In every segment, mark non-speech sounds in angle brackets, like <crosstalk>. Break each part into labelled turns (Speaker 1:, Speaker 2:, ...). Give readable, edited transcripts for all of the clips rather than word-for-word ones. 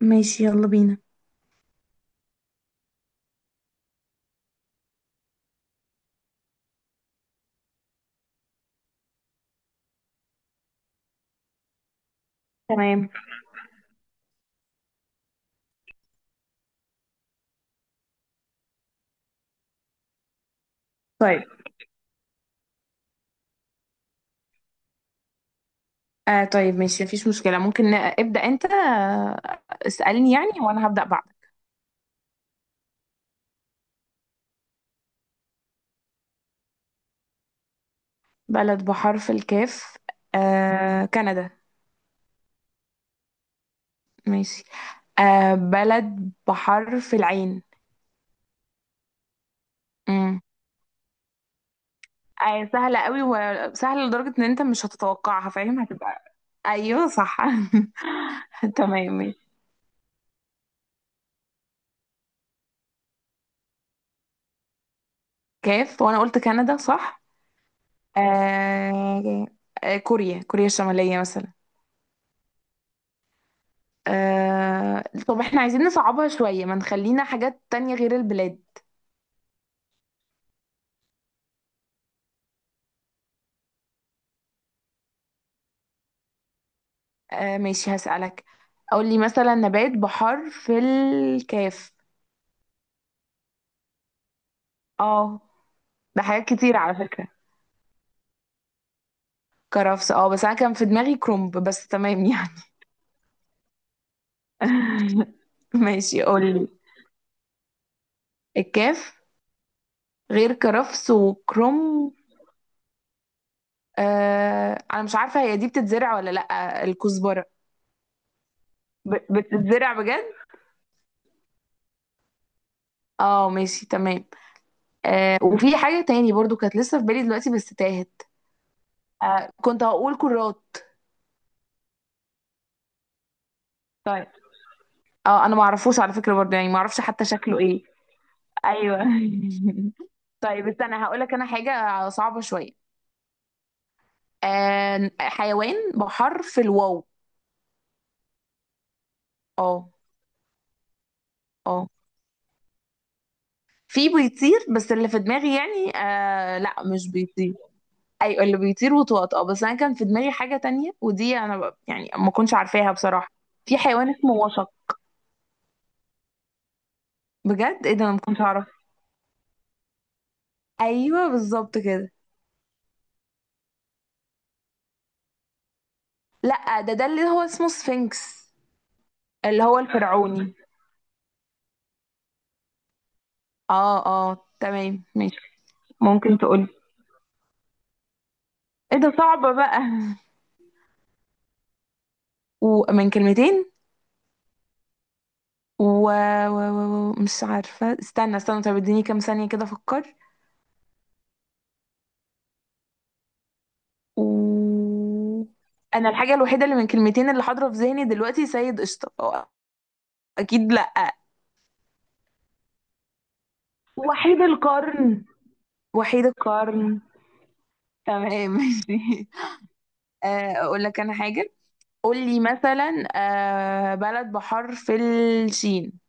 Speaker 1: ماشي، يلا بينا. تمام. طيب. طيب ماشي، مفيش مشكلة. ممكن ابدأ أنت. اسألني يعني، وأنا هبدأ بعدك. بلد بحرف الكاف؟ آه، كندا. ماشي. آه، بلد بحرف العين. امم آه، سهلة قوي، وسهلة لدرجة إن أنت مش هتتوقعها، فاهم؟ هتبقى أيوه صح. <laughs> تمام ماشي. كاف، وأنا قلت كندا صح؟ آه. كوريا الشمالية مثلا. طب احنا عايزين نصعبها شوية، ما نخلينا حاجات تانية غير البلاد. آه ماشي، هسألك. قول لي مثلا نبات بحر في الكاف. اه، ده حاجات كتير على فكرة. كرفس؟ اه، بس انا كان في دماغي كرنب، بس تمام يعني. <laughs> ماشي، قول لي. الكاف، غير كرفس وكرنب. انا مش عارفة هي دي بتتزرع ولا لأ، الكزبرة؟ بتتزرع بجد؟ اه ماشي تمام. آه، وفي حاجة تاني برضو كانت لسه في بالي دلوقتي بس تاهت. آه، كنت هقول كرات. طيب. اه انا ما اعرفوش على فكره برضه، يعني ما اعرفش حتى شكله ايه. ايوه. <laughs> طيب، استنى هقول لك انا حاجه صعبه شويه. آه، حيوان بحرف الواو. اه. اه، في بيطير بس اللي في دماغي يعني، آه لا مش بيطير. ايوه اللي بيطير وطواط، اه بس انا كان في دماغي حاجه تانية، ودي انا يعني ما كنتش عارفاها بصراحه. في حيوان اسمه وشق. بجد؟ ايه ده، انا ما كنتش اعرف. ايوه بالظبط كده. لا ده اللي هو اسمه سفنكس. اللي هو الفرعوني. اه اه تمام ماشي. ممكن تقولي؟ ايه ده، صعبة بقى. ومن كلمتين. و... و... مش عارفة، استنى استنى طب اديني كام ثانية كده افكر. و... انا الحاجة الوحيدة اللي من كلمتين اللي حاضرة في ذهني دلوقتي سيد قشطة، هو؟ اكيد لأ. وحيد القرن. وحيد القرن. تمام ماشي. <laughs> آه، اقول لك انا حاجة. قول لي مثلا، آه، بلد بحرف الشين.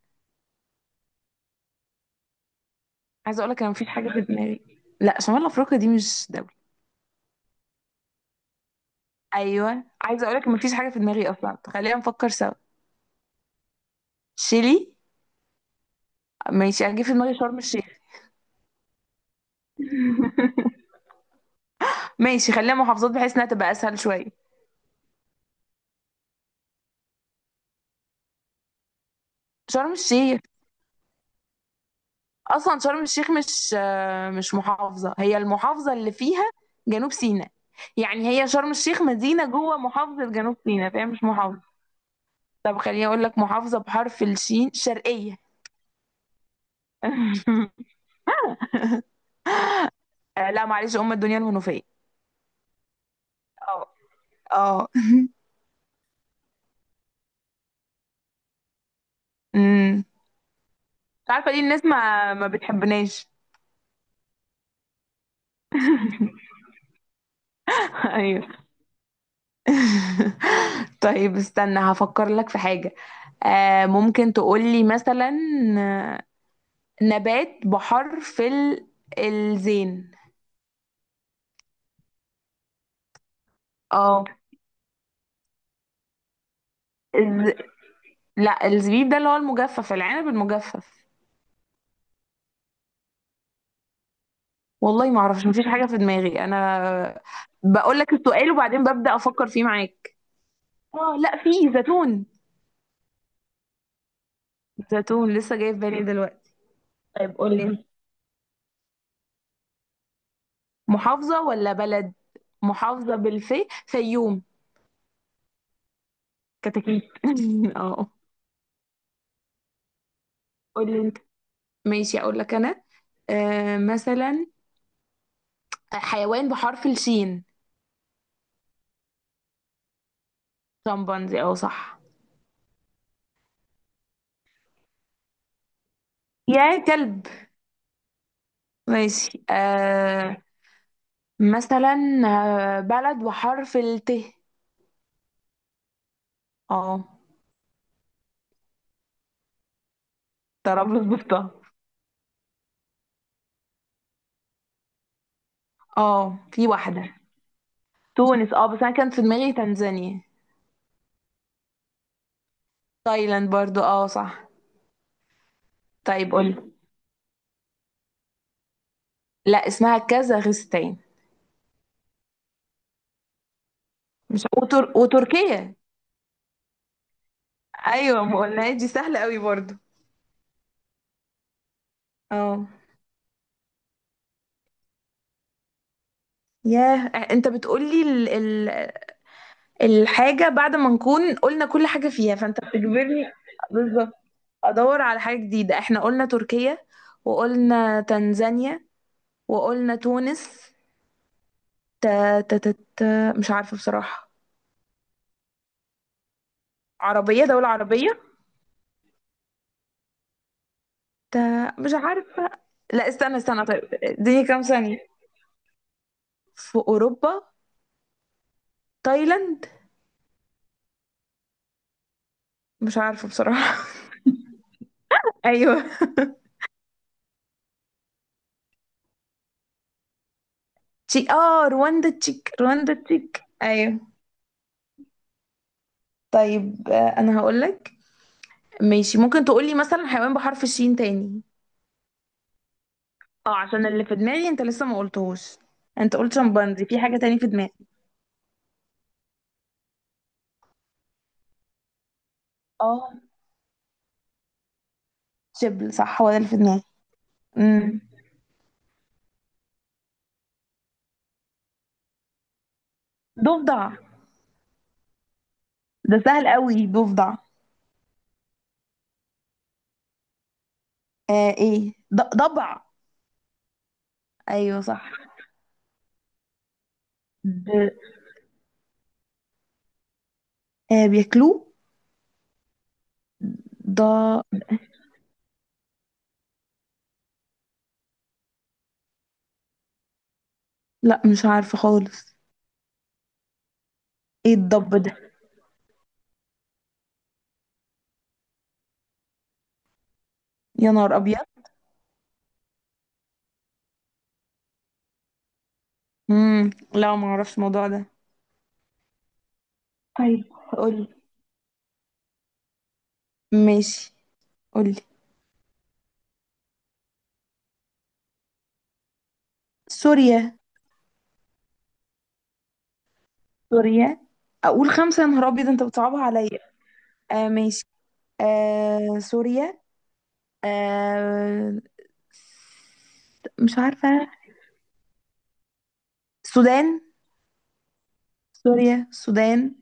Speaker 1: عايزه اقول لك انا مفيش حاجه في <laughs> دماغي. لا، شمال افريقيا دي مش دوله. ايوه عايزه اقول لك مفيش حاجه في دماغي اصلا، خلينا نفكر سوا. شيلي. ماشي، انا جه في دماغي شرم الشيخ. <laughs> ماشي، خليها محافظات بحيث انها تبقى اسهل شويه. شرم الشيخ. اصلا شرم الشيخ مش، مش محافظه، هي المحافظه اللي فيها جنوب سيناء. يعني هي شرم الشيخ مدينه جوه محافظه جنوب سيناء، فهي مش محافظه. طب خليني اقول لك محافظه بحرف الشين، شرقيه. <laughs> آه، لا معلش، ام الدنيا الهنوفيه. اه. <laughs> امم مش عارفه ليه الناس ما بتحبناش. <laughs> ايوه. <laughs> طيب استنى هفكر لك في حاجه. آه، ممكن تقولي مثلا، آه، نبات بحرف ال، الزين. اه. الز... لا الزبيب ده اللي هو المجفف، العنب المجفف. والله ما اعرفش مفيش حاجه في دماغي انا. بقول لك السؤال وبعدين ببدأ افكر فيه معاك. اه لا، في زيتون. زيتون لسه جاي في بالي دلوقتي. طيب قولي. محافظة ولا بلد؟ محافظة بالفي، فيوم. كتاكيت. <laughs> اه. قولي انت. ماشي اقول لك انا، آه مثلا، حيوان بحرف الشين. شمبانزي، اه صح. يا كلب. ماشي. آه مثلا، آه، بلد بحرف الت. اه طرابلس بالطه. اه في واحدة. تونس، اه بس انا كان في دماغي تنزانيا. تايلاند برضو اه صح. طيب قولي. لا اسمها كازاخستان. مش وتركيا. ايوه ما قلناهاش، دي سهله قوي برضو. اه. ياه. انت بتقولي الحاجه بعد ما نكون قلنا كل حاجه فيها، فانت بتجبرني. بالظبط. ادور على حاجه جديده، احنا قلنا تركيا، وقلنا تنزانيا، وقلنا تونس. ت... ت... ت... ت... مش عارفه بصراحه. عربيه، دوله عربيه. ت... مش عارفه. لا استنى استنى طيب اديني كام ثانيه. في اوروبا. تايلاند؟ مش عارفه بصراحه. <laughs> ايوه تشيك. اه رواندا، تشيك رواندا تشيك ايوه. طيب آه، انا هقولك. ماشي، ممكن تقولي مثلا حيوان بحرف الشين تاني. اه عشان اللي في دماغي انت لسه ما قلتهوش. انت قلت شمبانزي، في حاجة تاني في دماغي. اه شبل، صح هو ده اللي في دماغي. امم ضفدع. ده سهل قوي ضفدع. آه ايه، ضبع. ايوه صح. د... آه بياكلوه. ض لا مش عارفة خالص. ايه الضب ده؟ يا نهار ابيض. لا ما اعرفش الموضوع ده. طيب قول. ماشي قولي. سوريا. سوريا. اقول خمسة، يا نهار ابيض انت بتصعبها عليا. آه ماشي. آه سوريا. آه مش عارفة. السودان. سوريا، السودان.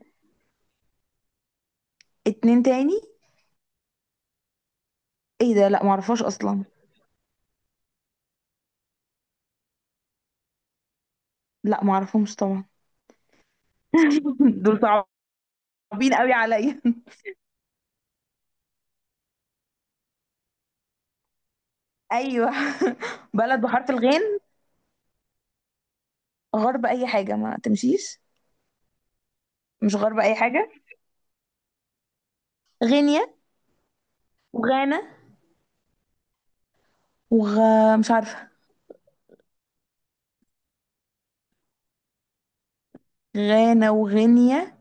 Speaker 1: اتنين تاني. ايه ده، لا معرفهاش اصلا. لا معرفهمش طبعا. <laughs> دول صعبين قوي عليا. ايوه. <laughs> بلد بحرف الغين، غرب اي حاجة ما تمشيش. مش غرب اي حاجة. غينيا. وغانا. وغ مش عارفة. غانا وغينيا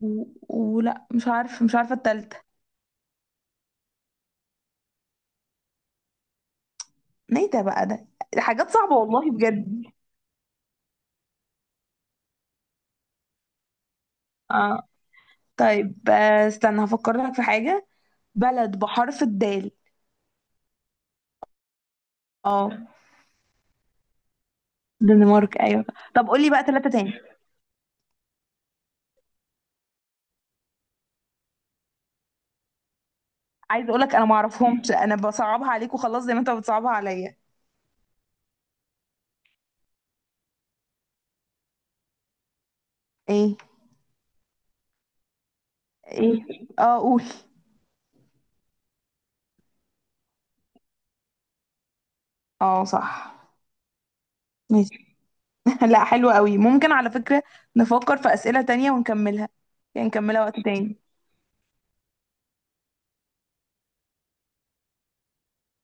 Speaker 1: و... ولا مش عارفة، مش عارفة التالتة. ايه ده بقى ده. ده حاجات صعبة والله بجد. اه طيب، آه، استنى هفكر لك في حاجة. بلد بحرف الدال. اه دنمارك ايوه. طب قولي بقى ثلاثة تاني. عايز اقولك انا ما اعرفهمش، انا بصعبها عليك وخلاص زي ما انت بتصعبها عليا. ايه. ايه. اه قول. اه صح ماشي. <laughs> لا حلو قوي، ممكن على فكرة نفكر في أسئلة تانية ونكملها. يعني نكملها وقت تاني.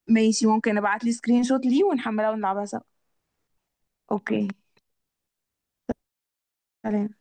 Speaker 1: ماشي، ممكن ابعت لي سكرين شوت ليه ونحملها ونلعبها سوا. اوكي. سلام.